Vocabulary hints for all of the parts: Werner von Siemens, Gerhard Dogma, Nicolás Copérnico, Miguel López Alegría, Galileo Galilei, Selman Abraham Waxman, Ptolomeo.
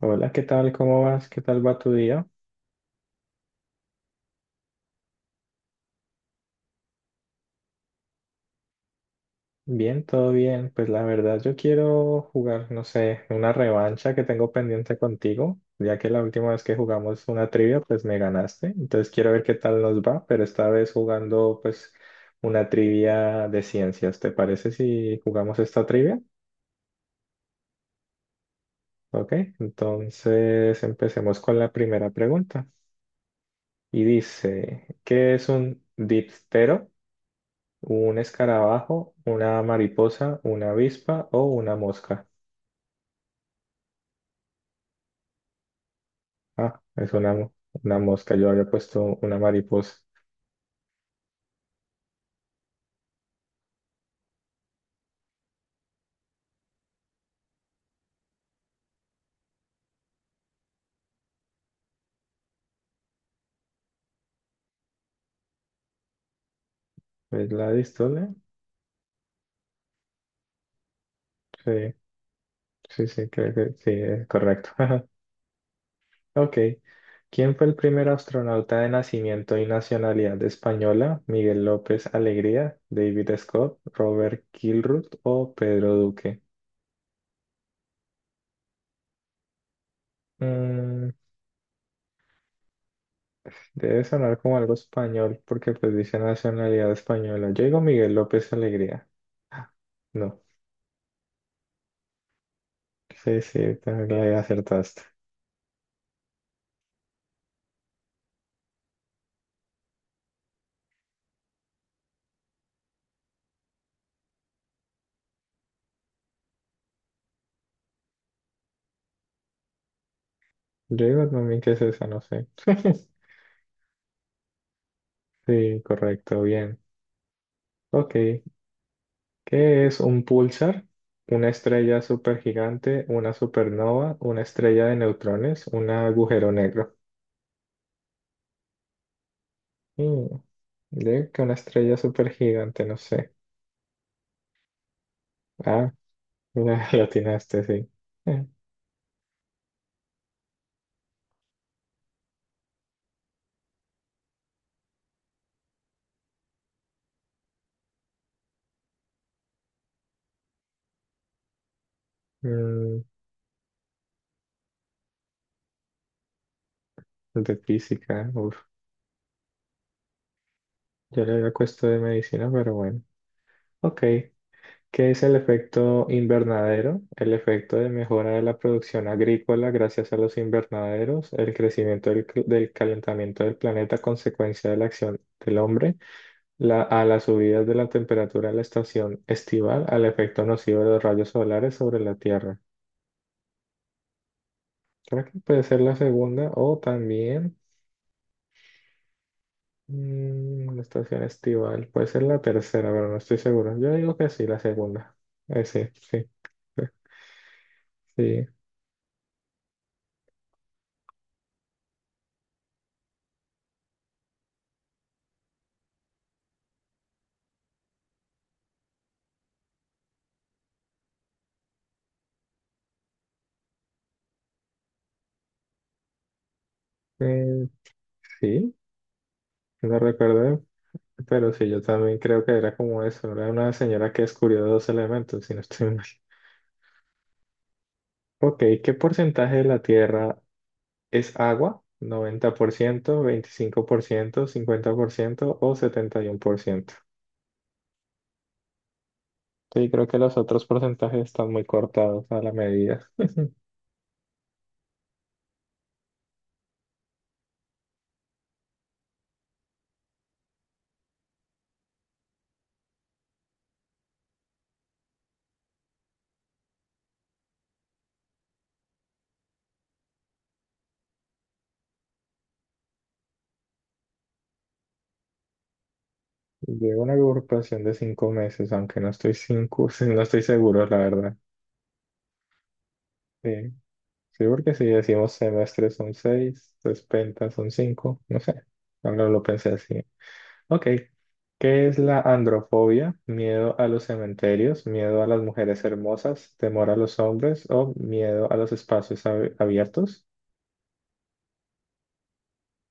Hola, ¿qué tal? ¿Cómo vas? ¿Qué tal va tu día? Bien, todo bien. Pues la verdad yo quiero jugar, no sé, una revancha que tengo pendiente contigo, ya que la última vez que jugamos una trivia, pues me ganaste. Entonces quiero ver qué tal nos va, pero esta vez jugando pues una trivia de ciencias. ¿Te parece si jugamos esta trivia? Ok, entonces empecemos con la primera pregunta. Y dice, ¿qué es un diptero? ¿Un escarabajo, una mariposa, una avispa o una mosca? Ah, es una mosca. Yo había puesto una mariposa. ¿Es la dístole? Sí, sí, sí, creo que sí, es correcto. Ok. ¿Quién fue el primer astronauta de nacimiento y nacionalidad española? ¿Miguel López Alegría, David Scott, Robert Kilruth o Pedro Duque? Mm, Debe sonar como algo español porque pues dice nacionalidad española. Yo digo Miguel López Alegría. Ah, no, sí, sí, también le acertaste. Yo digo también que es esa, no sé. Sí, correcto, bien. Ok, ¿qué es un pulsar? Una estrella supergigante, una supernova, una estrella de neutrones, un agujero negro. Mm, yo digo que una estrella supergigante, no sé. Ah, la atinaste, sí. Eh, mm, el de física, uf, yo le había puesto de medicina, pero bueno. Ok, ¿qué es el efecto invernadero? El efecto de mejora de la producción agrícola gracias a los invernaderos, el crecimiento del calentamiento del planeta a consecuencia de la acción del hombre, a las subidas de la temperatura en la estación estival, al efecto nocivo de los rayos solares sobre la Tierra. Creo que puede ser la segunda o también... la estación estival, puede ser la tercera, pero no estoy seguro. Yo digo que sí, la segunda. Sí, sí, sí. Eh, sí, no recuerdo, pero sí, yo también creo que era como eso. Era una señora que descubrió dos elementos, si no estoy mal. Ok, ¿qué porcentaje de la Tierra es agua? ¿Noventa por ciento, 25%, 50% o 71%? Sí, creo que los otros porcentajes están muy cortados a la medida. Llevo una agrupación de 5 meses, aunque no estoy cinco, no estoy seguro, la verdad. Sí, sí, porque si decimos semestre son seis, pues penta son cinco, no sé. Ahora lo pensé así. Ok. ¿Qué es la androfobia? ¿Miedo a los cementerios? ¿Miedo a las mujeres hermosas? ¿Temor a los hombres? ¿O miedo a los espacios abiertos?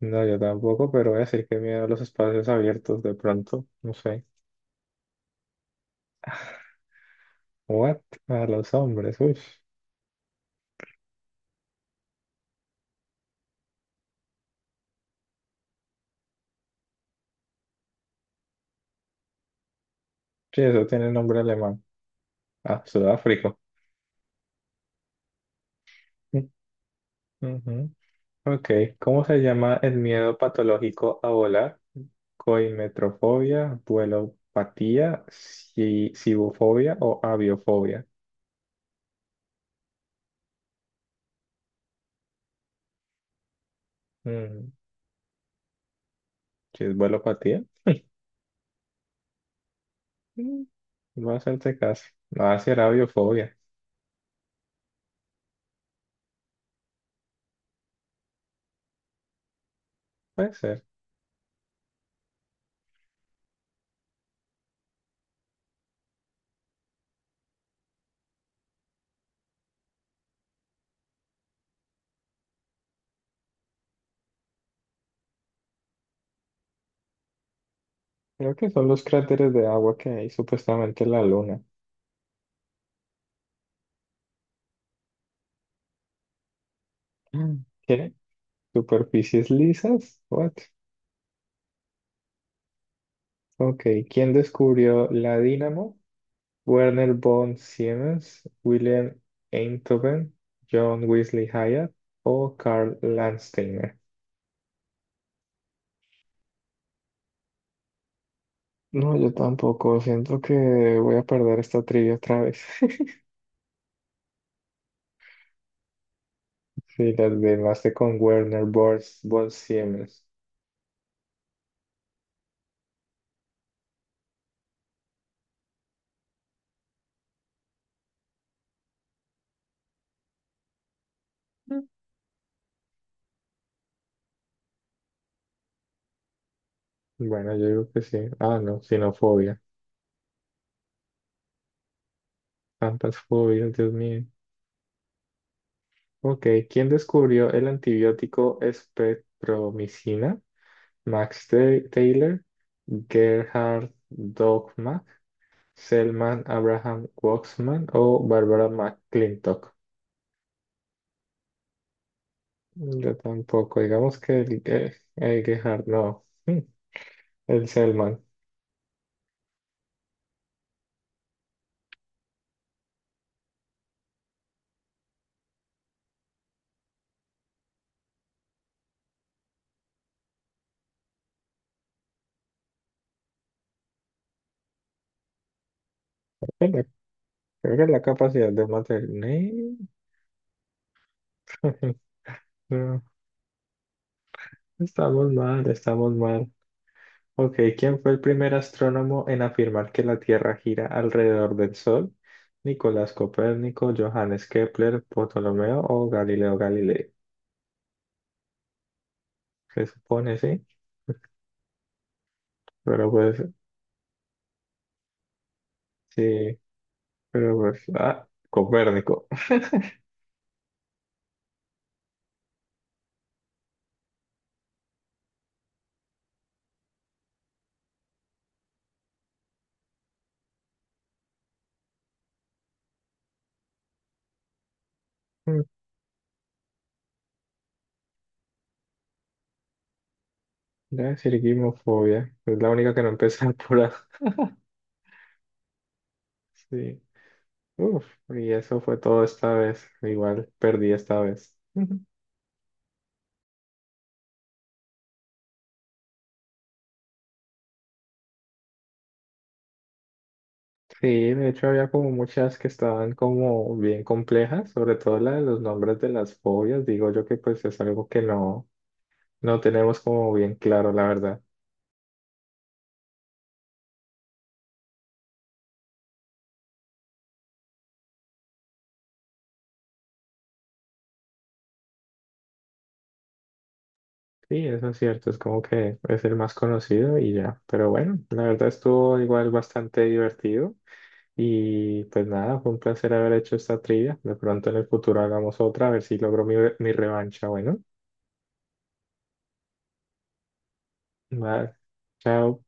No, yo tampoco, pero voy a decir que miedo a los espacios abiertos de pronto, no sé. What? A los hombres, uy. Sí, eso tiene nombre alemán. Ah, Sudáfrica. Ujú. Ok, ¿cómo se llama el miedo patológico a volar? Coimetrofobia, vuelopatía, cibofobia o aviofobia. Mm, Si es vuelopatía, mm, no hacerte caso. Va a ser aviofobia. Puede ser. Creo que son los cráteres de agua que hay supuestamente en la luna. Mm. ¿Qué? ¿Superficies lisas? What? Ok, ¿quién descubrió la dínamo? Werner von Siemens, Wilhelm Einthoven, John Wesley Hyatt o Karl Landsteiner. No, yo tampoco. Siento que voy a perder esta trivia otra vez. Sí, las demás con Werner von Siemens. Mm. Bueno, yo digo que sí. Ah, no, xenofobia. Tantas fobias, Dios mío. Ok, ¿quién descubrió el antibiótico espectromicina? Max Taylor, Gerhard Dogma. Selman Abraham Waxman o Barbara McClintock. Yo tampoco, digamos que el Gerhard no, el Selman. Bueno, creo que la capacidad de mantener. No, estamos mal, estamos mal. Ok, ¿quién fue el primer astrónomo en afirmar que la Tierra gira alrededor del Sol? ¿Nicolás Copérnico, Johannes Kepler, Ptolomeo o Galileo Galilei? Se supone, pero pues sí. Pero pues, ah, Copérnico. Mm, La cirquimofobia. Es la única que no empezó por A. Sí. Uf, y eso fue todo esta vez. Igual perdí esta vez. Ujú. Sí, de hecho había como muchas que estaban como bien complejas, sobre todo la de los nombres de las fobias. Digo yo que pues es algo que no, no tenemos como bien claro, la verdad. Sí, eso es cierto, es como que es el más conocido y ya. Pero bueno, la verdad estuvo igual bastante divertido. Y pues nada, fue un placer haber hecho esta trivia. De pronto en el futuro hagamos otra, a ver si logro mi revancha. Bueno, nada, chao.